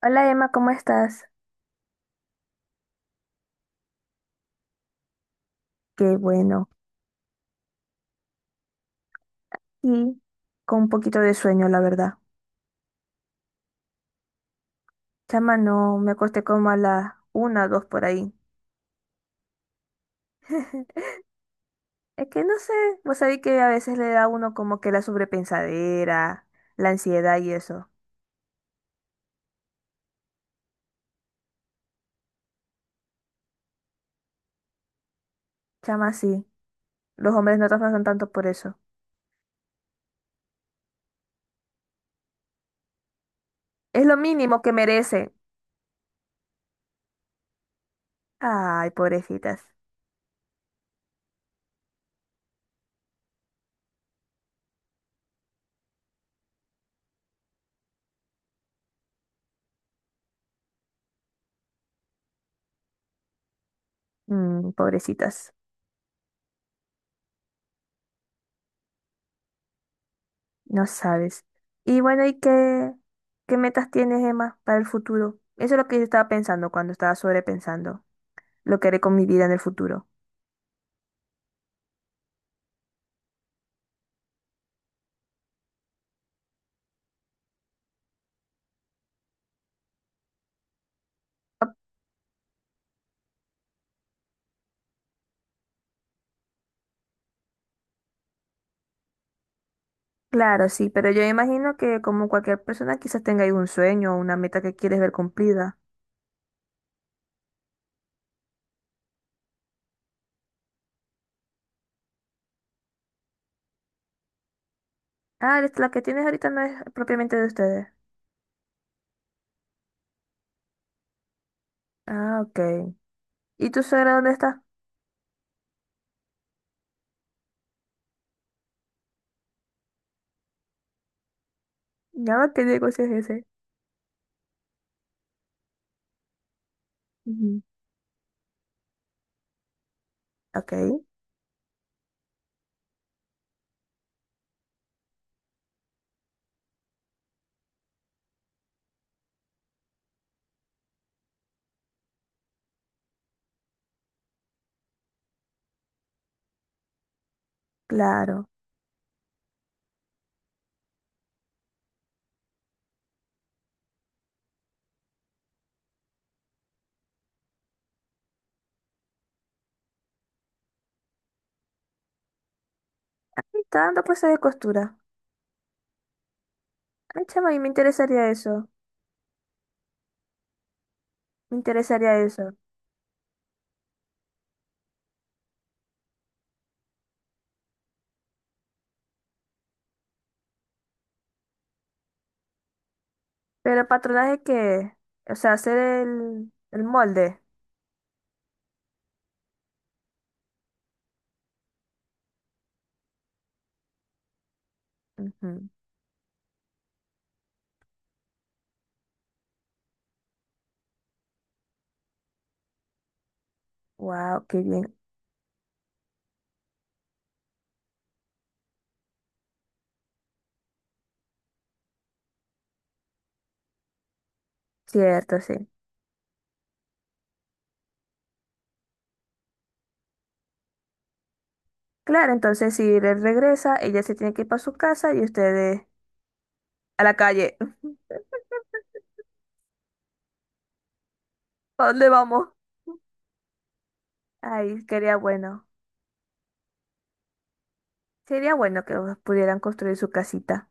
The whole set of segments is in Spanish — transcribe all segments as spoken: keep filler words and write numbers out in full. Hola Emma, ¿cómo estás? Qué bueno. Y con un poquito de sueño, la verdad. Chama, no, me acosté como a las una, dos por ahí. Es que no sé, vos sabés que a veces le da a uno como que la sobrepensadera, la ansiedad y eso. Chama, sí. Los hombres no trabajan tanto por eso. Es lo mínimo que merecen. Ay, pobrecitas. Mm, pobrecitas. No sabes. Y bueno, ¿y qué, qué metas tienes, Emma, para el futuro? Eso es lo que yo estaba pensando cuando estaba sobrepensando lo que haré con mi vida en el futuro. Ah, claro, sí, pero yo imagino que como cualquier persona quizás tenga algún sueño o una meta que quieres ver cumplida. Ah, eres- la que tienes ahorita no es propiamente de ustedes. Ah, ok. ¿Y tu suegra dónde está? Ya, ¿qué negocio es ese? Ujú. Ok, claro. Ah, está dando clases de costura. Ay, chama, y me interesaría eso. Me interesaría eso. Pero el patronaje que, o sea, hacer el, el molde. Ujú. Wow, qué bien. Cierto, sí. Claro, entonces si él regresa, ella se tiene que ir para su casa y ustedes a la calle. ¿A dónde vamos? Ay, quería bueno. Sería bueno que pudieran construir su casita.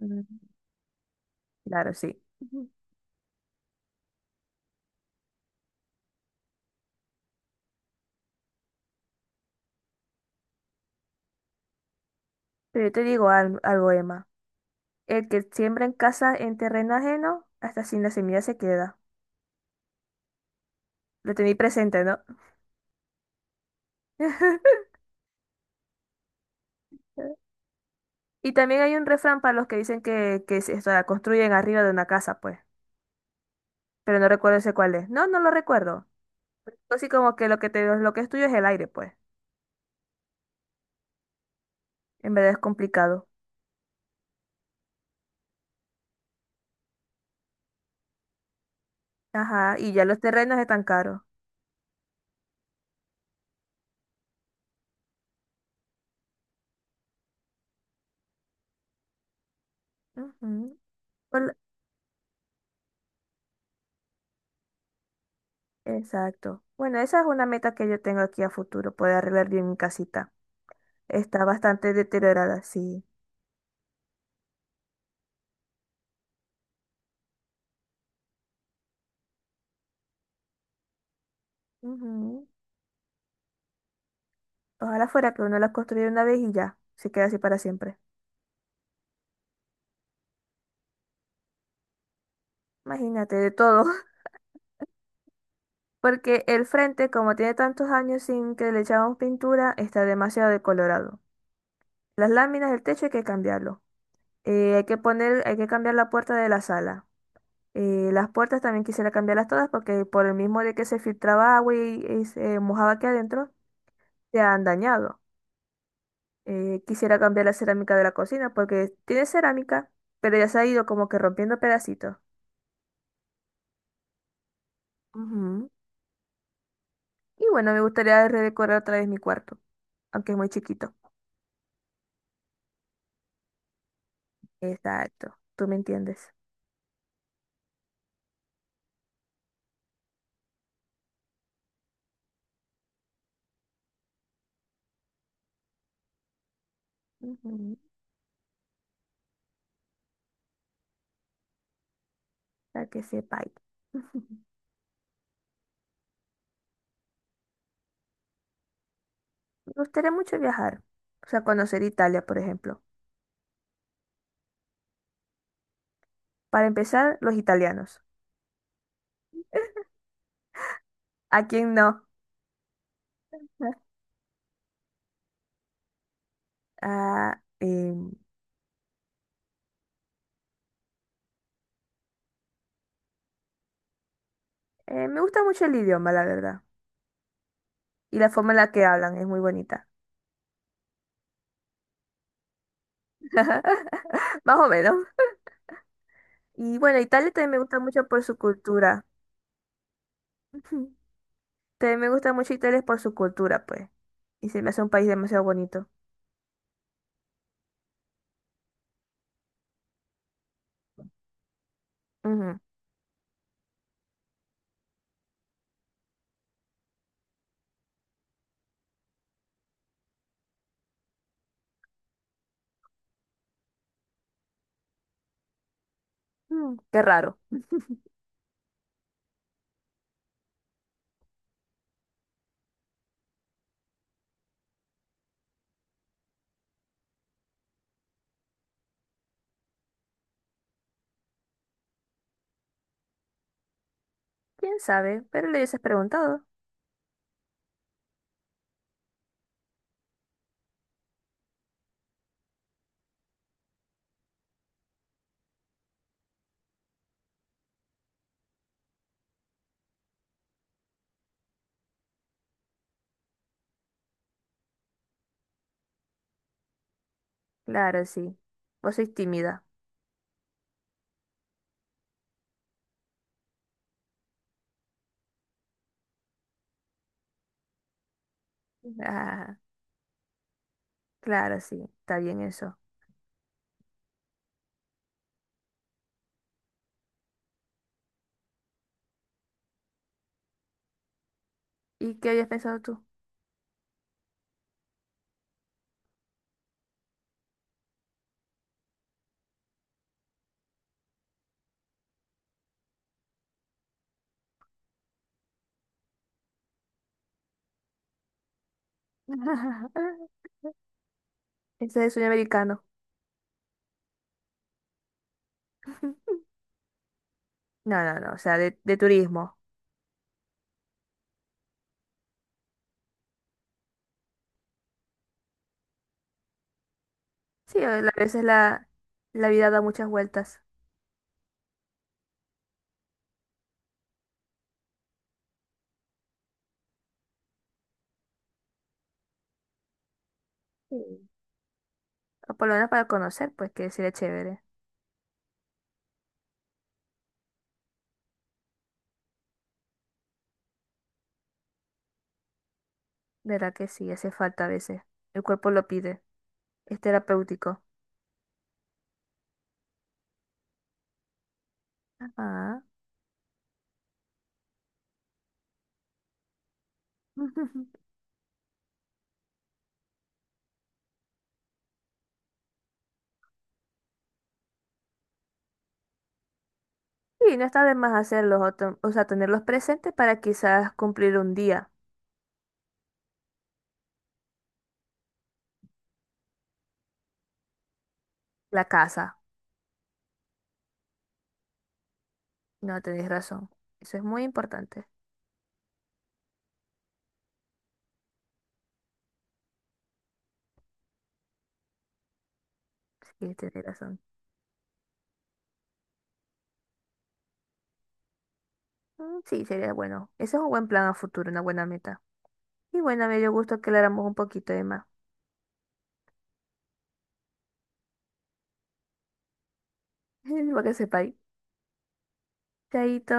Mm, Claro, sí. Ujú. Pero yo te digo al- algo, Emma. El que siembra en casa en terreno ajeno, hasta sin la semilla se queda. Lo tenéis presente, ¿no? Y también hay un refrán para los que dicen que, que se- o sea, construyen arriba de una casa, pues. Pero no recuerdo ese cuál es. No, no lo recuerdo. Así como que lo que te, lo que es tuyo es el aire, pues. En verdad es complicado. Ajá, y ya los terrenos están caros. Ujú. Ol- Exacto. Bueno, esa es una meta que yo tengo aquí a futuro, poder arreglar bien mi casita. Está bastante deteriorada, sí. Ujú. Ojalá fuera que uno la construyera una vez y ya, se queda así para siempre. Imagínate, de todo. Porque el frente, como tiene tantos años sin que le echamos pintura, está demasiado decolorado. Las láminas del techo hay que cambiarlo. Eh, hay que poner, hay que cambiar la puerta de la sala. Eh, las puertas también quisiera cambiarlas todas porque por el mismo de que se filtraba agua y, y se mojaba aquí adentro, se han dañado. Eh, quisiera cambiar la cerámica de la cocina porque tiene cerámica, pero ya se ha ido como que rompiendo pedacitos. Ujú. Y bueno, me gustaría redecorar otra vez mi cuarto, aunque es muy chiquito. Exacto, tú me entiendes. Ujú, Para que sepáis. Ujú. Me gustaría mucho viajar, o sea, conocer Italia, por ejemplo. Para empezar, los italianos. ¿A quién no? Ah, em, eh, me gusta mucho el idioma, la verdad. Y la forma en la que hablan es muy bonita. Más o menos. Y bueno, Italia también me gusta mucho por su cultura. Ujú. También me gusta mucho Italia por su cultura, pues. Y se me hace un país demasiado bonito. Ujú. Mm, qué raro. ¿Quién sabe? Pero le hubieses preguntado. Claro, sí. Vos sois tímida. Ah, claro, sí, está bien eso. ¿Y qué habías pensado tú? Ese es el sueño americano. No, no, no, o sea, de, de turismo. Sí, a a veces la, la vida da muchas vueltas. Sí. O por lo menos para conocer, pues que sería chévere. Verá que sí, hace falta a veces. El cuerpo lo pide. Es terapéutico. Ah. sí no está de más hacerlos, o, to- o sea, tenerlos presentes para quizás cumplir un día la casa. No, tenéis razón. Eso es muy importante. Sí, tienes razón. Mm, Sí, sería bueno. Ese es un buen plan a futuro, una buena meta. Y bueno, me dio gusto que habláramos un poquito de más. Para que sepáis. Chaito.